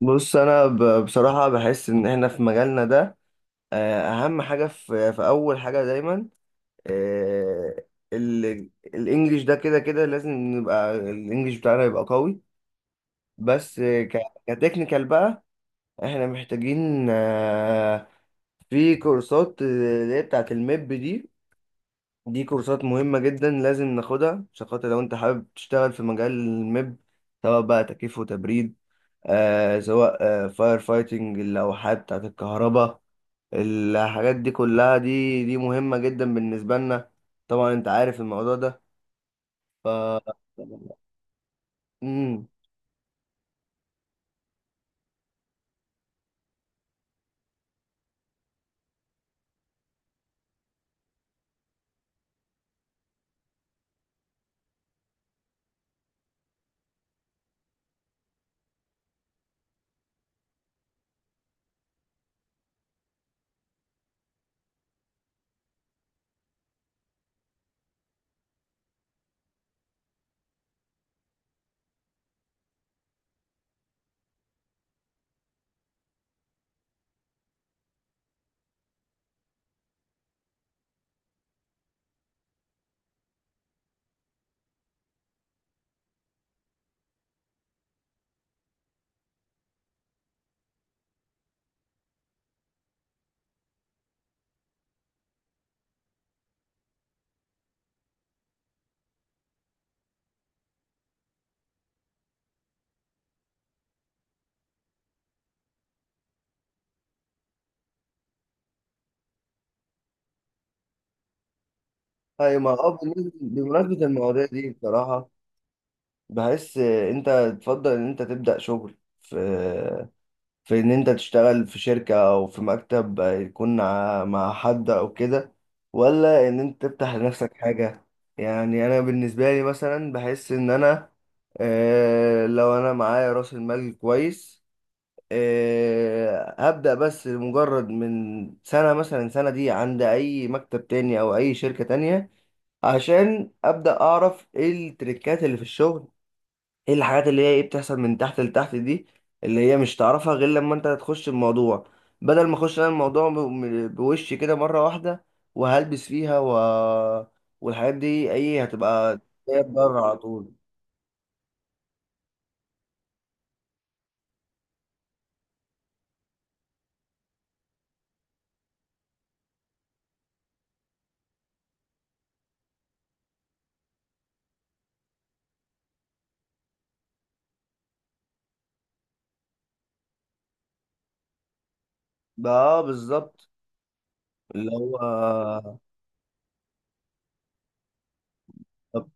بص بصراحه بحس ان احنا في مجالنا ده. اهم حاجه في اول حاجه دايما آه، الانجليش ده كده كده لازم نبقى الانجليش بتاعنا يبقى قوي، بس كتكنيكال بقى. احنا محتاجين في كورسات اللي هي بتاعه الميب دي. دي كورسات مهمه جدا لازم ناخدها عشان خاطر لو انت حابب تشتغل في مجال الميب، سواء بقى تكييف وتبريد، آه سواء آه فاير فايتنج، اللوحات بتاعت الكهرباء، الحاجات دي كلها، دي مهمة جدا بالنسبة لنا. طبعا انت عارف الموضوع ده. ف امم طيب، ما اه بمناسبة المواضيع دي بصراحة، بحس انت تفضل ان انت تبدأ شغل في في ان انت تشتغل في شركة او في مكتب يكون مع حد او كده، ولا ان انت تفتح لنفسك حاجة؟ يعني انا بالنسبة لي مثلا بحس ان انا لو انا معايا راس المال كويس، هبدأ بس مجرد من سنة، مثلا سنة دي عند اي مكتب تاني او اي شركة تانية، عشان ابدأ اعرف ايه التريكات اللي في الشغل، ايه الحاجات اللي هي ايه بتحصل من تحت لتحت دي، اللي هي مش تعرفها غير لما انت تخش الموضوع، بدل ما اخش انا الموضوع بوشي كده مرة واحدة وهلبس فيها والحاجات دي ايه هتبقى جاية بره على طول. بقى اه بالظبط. اللي هو طب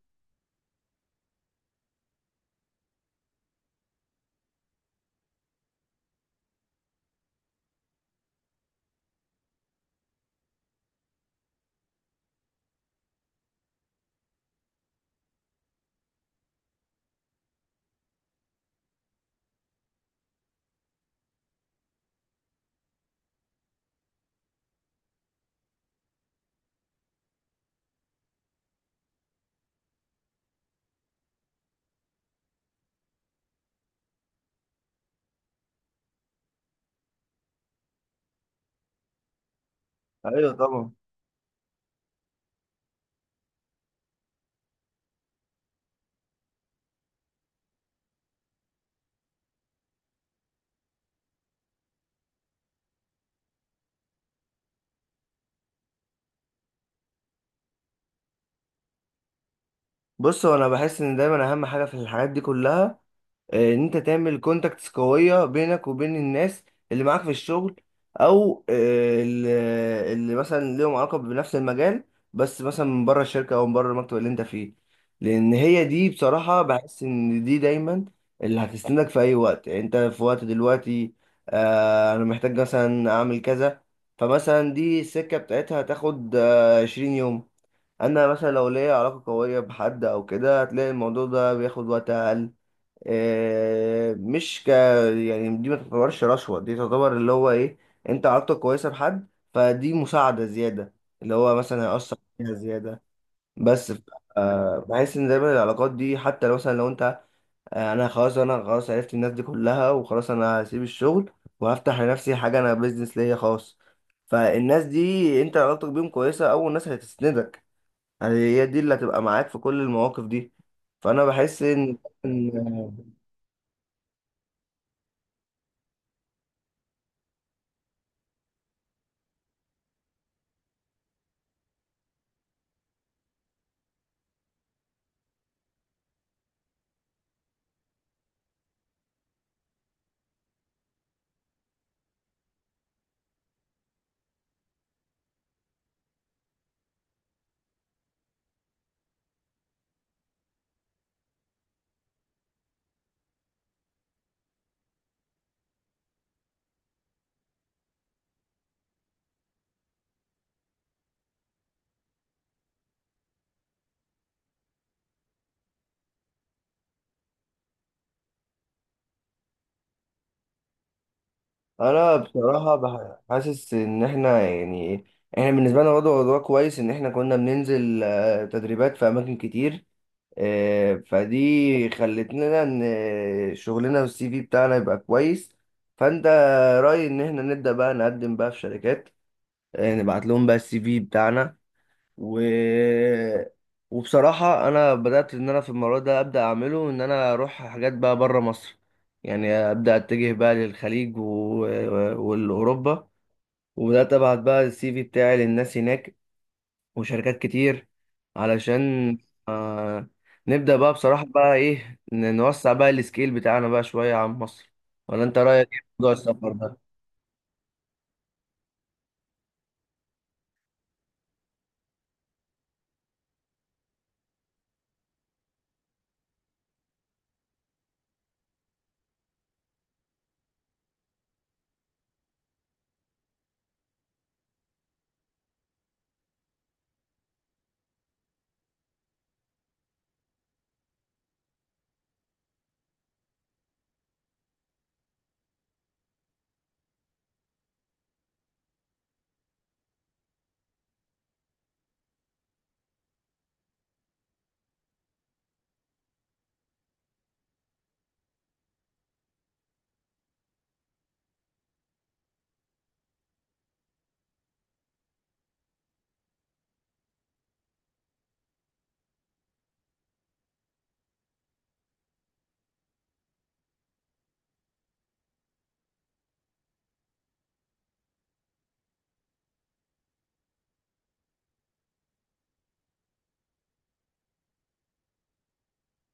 ايوه طبعا. بص، هو انا بحس ان دايما اهم حاجة في الحاجات دي كلها ان انت تعمل كونتاكتس قوية بينك وبين الناس اللي معاك في الشغل، او اللي مثلا ليهم علاقة بنفس المجال، بس مثلا من بره الشركة او من بره المكتب اللي انت فيه. لان هي دي بصراحة بحس ان دي دايما اللي هتسندك في اي وقت. يعني انت في وقت دلوقتي انا محتاج مثلا اعمل كذا، فمثلا دي السكة بتاعتها هتاخد 20 يوم، انا مثلا لو ليا علاقة قوية بحد او كده هتلاقي الموضوع ده بياخد وقت اقل. آه، مش ك يعني دي ما تعتبرش رشوة، دي تعتبر اللي هو ايه، انت علاقتك كويسة بحد، فدي مساعدة زيادة اللي هو مثلا هيأثر فيها زيادة. بس ف- بحس ان دايما العلاقات دي حتى لو مثلا لو انت انا خلاص عرفت الناس دي كلها وخلاص انا هسيب الشغل وهفتح لنفسي حاجة، انا بيزنس ليا خاص، فالناس دي انت علاقتك بيهم كويسة اول ناس هتسندك. يعني هي دي اللي هتبقى معاك في كل المواقف دي. فانا بحس ان انا بصراحه حاسس ان احنا يعني ايه، احنا بالنسبه لنا وضع كويس، ان احنا كنا بننزل تدريبات في اماكن كتير، فدي خلتنا ان شغلنا والسي في بتاعنا يبقى كويس. فانت رايي ان احنا نبدا بقى نقدم بقى في شركات، نبعت لهم بقى السي في بتاعنا و... وبصراحة أنا بدأت إن أنا في المرة ده أبدأ أعمله، إن أنا أروح حاجات بقى بره مصر. يعني أبدأ أتجه بقى للخليج والأوروبا، وبدأت أبعت بقى السي في بتاعي للناس هناك وشركات كتير، علشان آه... نبدأ بقى بصراحة بقى نوسع بقى السكيل بتاعنا بقى شوية عن مصر. ولا أنت رأيك إيه في موضوع السفر ده؟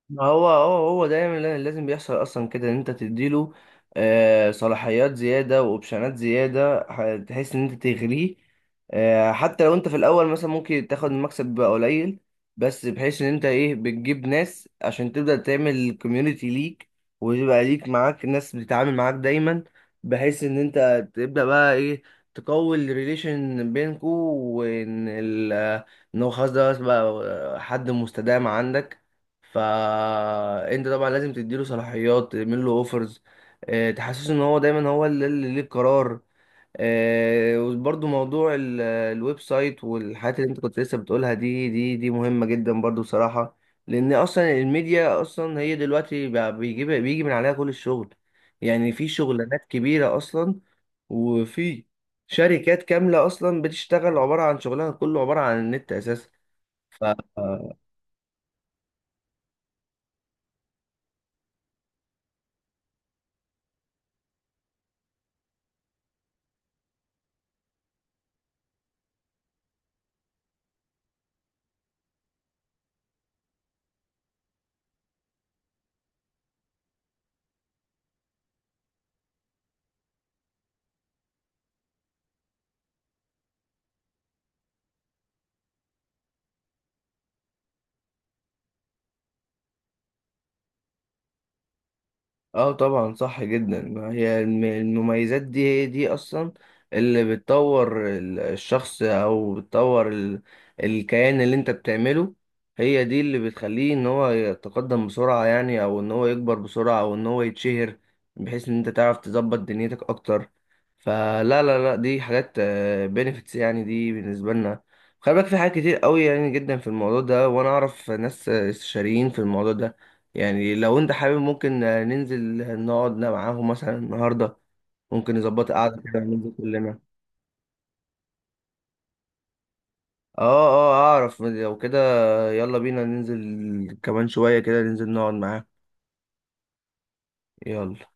ما هو هو دايما لازم بيحصل اصلا كده ان انت تديله صلاحيات زياده واوبشنات زياده، تحس ان انت تغريه. حتى لو انت في الاول مثلا ممكن تاخد المكسب بقى قليل، بس بحيث ان انت ايه، بتجيب ناس عشان تبدا تعمل كوميونتي ليك، ويبقى ليك معاك ناس بتتعامل معاك دايما، بحيث ان انت تبدا بقى ايه، تقوي الريليشن بينكو، وان ال- ان هو خلاص ده بقى حد مستدام عندك. فانت طبعا لازم تديله صلاحيات، تعمل له اوفرز، تحسسه ان هو دايما هو اللي ليه القرار. وبرضه موضوع الويب سايت والحاجات اللي انت كنت لسه بتقولها دي، دي مهمة جدا برضه بصراحة، لان اصلا الميديا اصلا هي دلوقتي بقى بيجي من عليها كل الشغل. يعني في شغلانات كبيرة اصلا، وفي شركات كاملة اصلا بتشتغل، عبارة عن شغلها كله عبارة عن النت اساسا. اه طبعا صح جدا. ما هي المميزات دي هي دي اصلا اللي بتطور الشخص، او بتطور الكيان اللي انت بتعمله. هي دي اللي بتخليه ان هو يتقدم بسرعة، يعني او ان هو يكبر بسرعة، او ان هو يتشهر، بحيث ان انت تعرف تظبط دنيتك اكتر. فلا لا لا دي حاجات بنفيتس يعني دي بالنسبة لنا. خلي بالك في حاجات كتير قوي يعني جدا في الموضوع ده، وانا اعرف ناس استشاريين في الموضوع ده. يعني لو انت حابب ممكن ننزل نقعد معاهم مثلا النهارده، ممكن نظبط قعده كده ننزل كلنا. اه، اه اعرف لو كده. يلا بينا ننزل كمان شويه كده ننزل نقعد معاهم. يلا.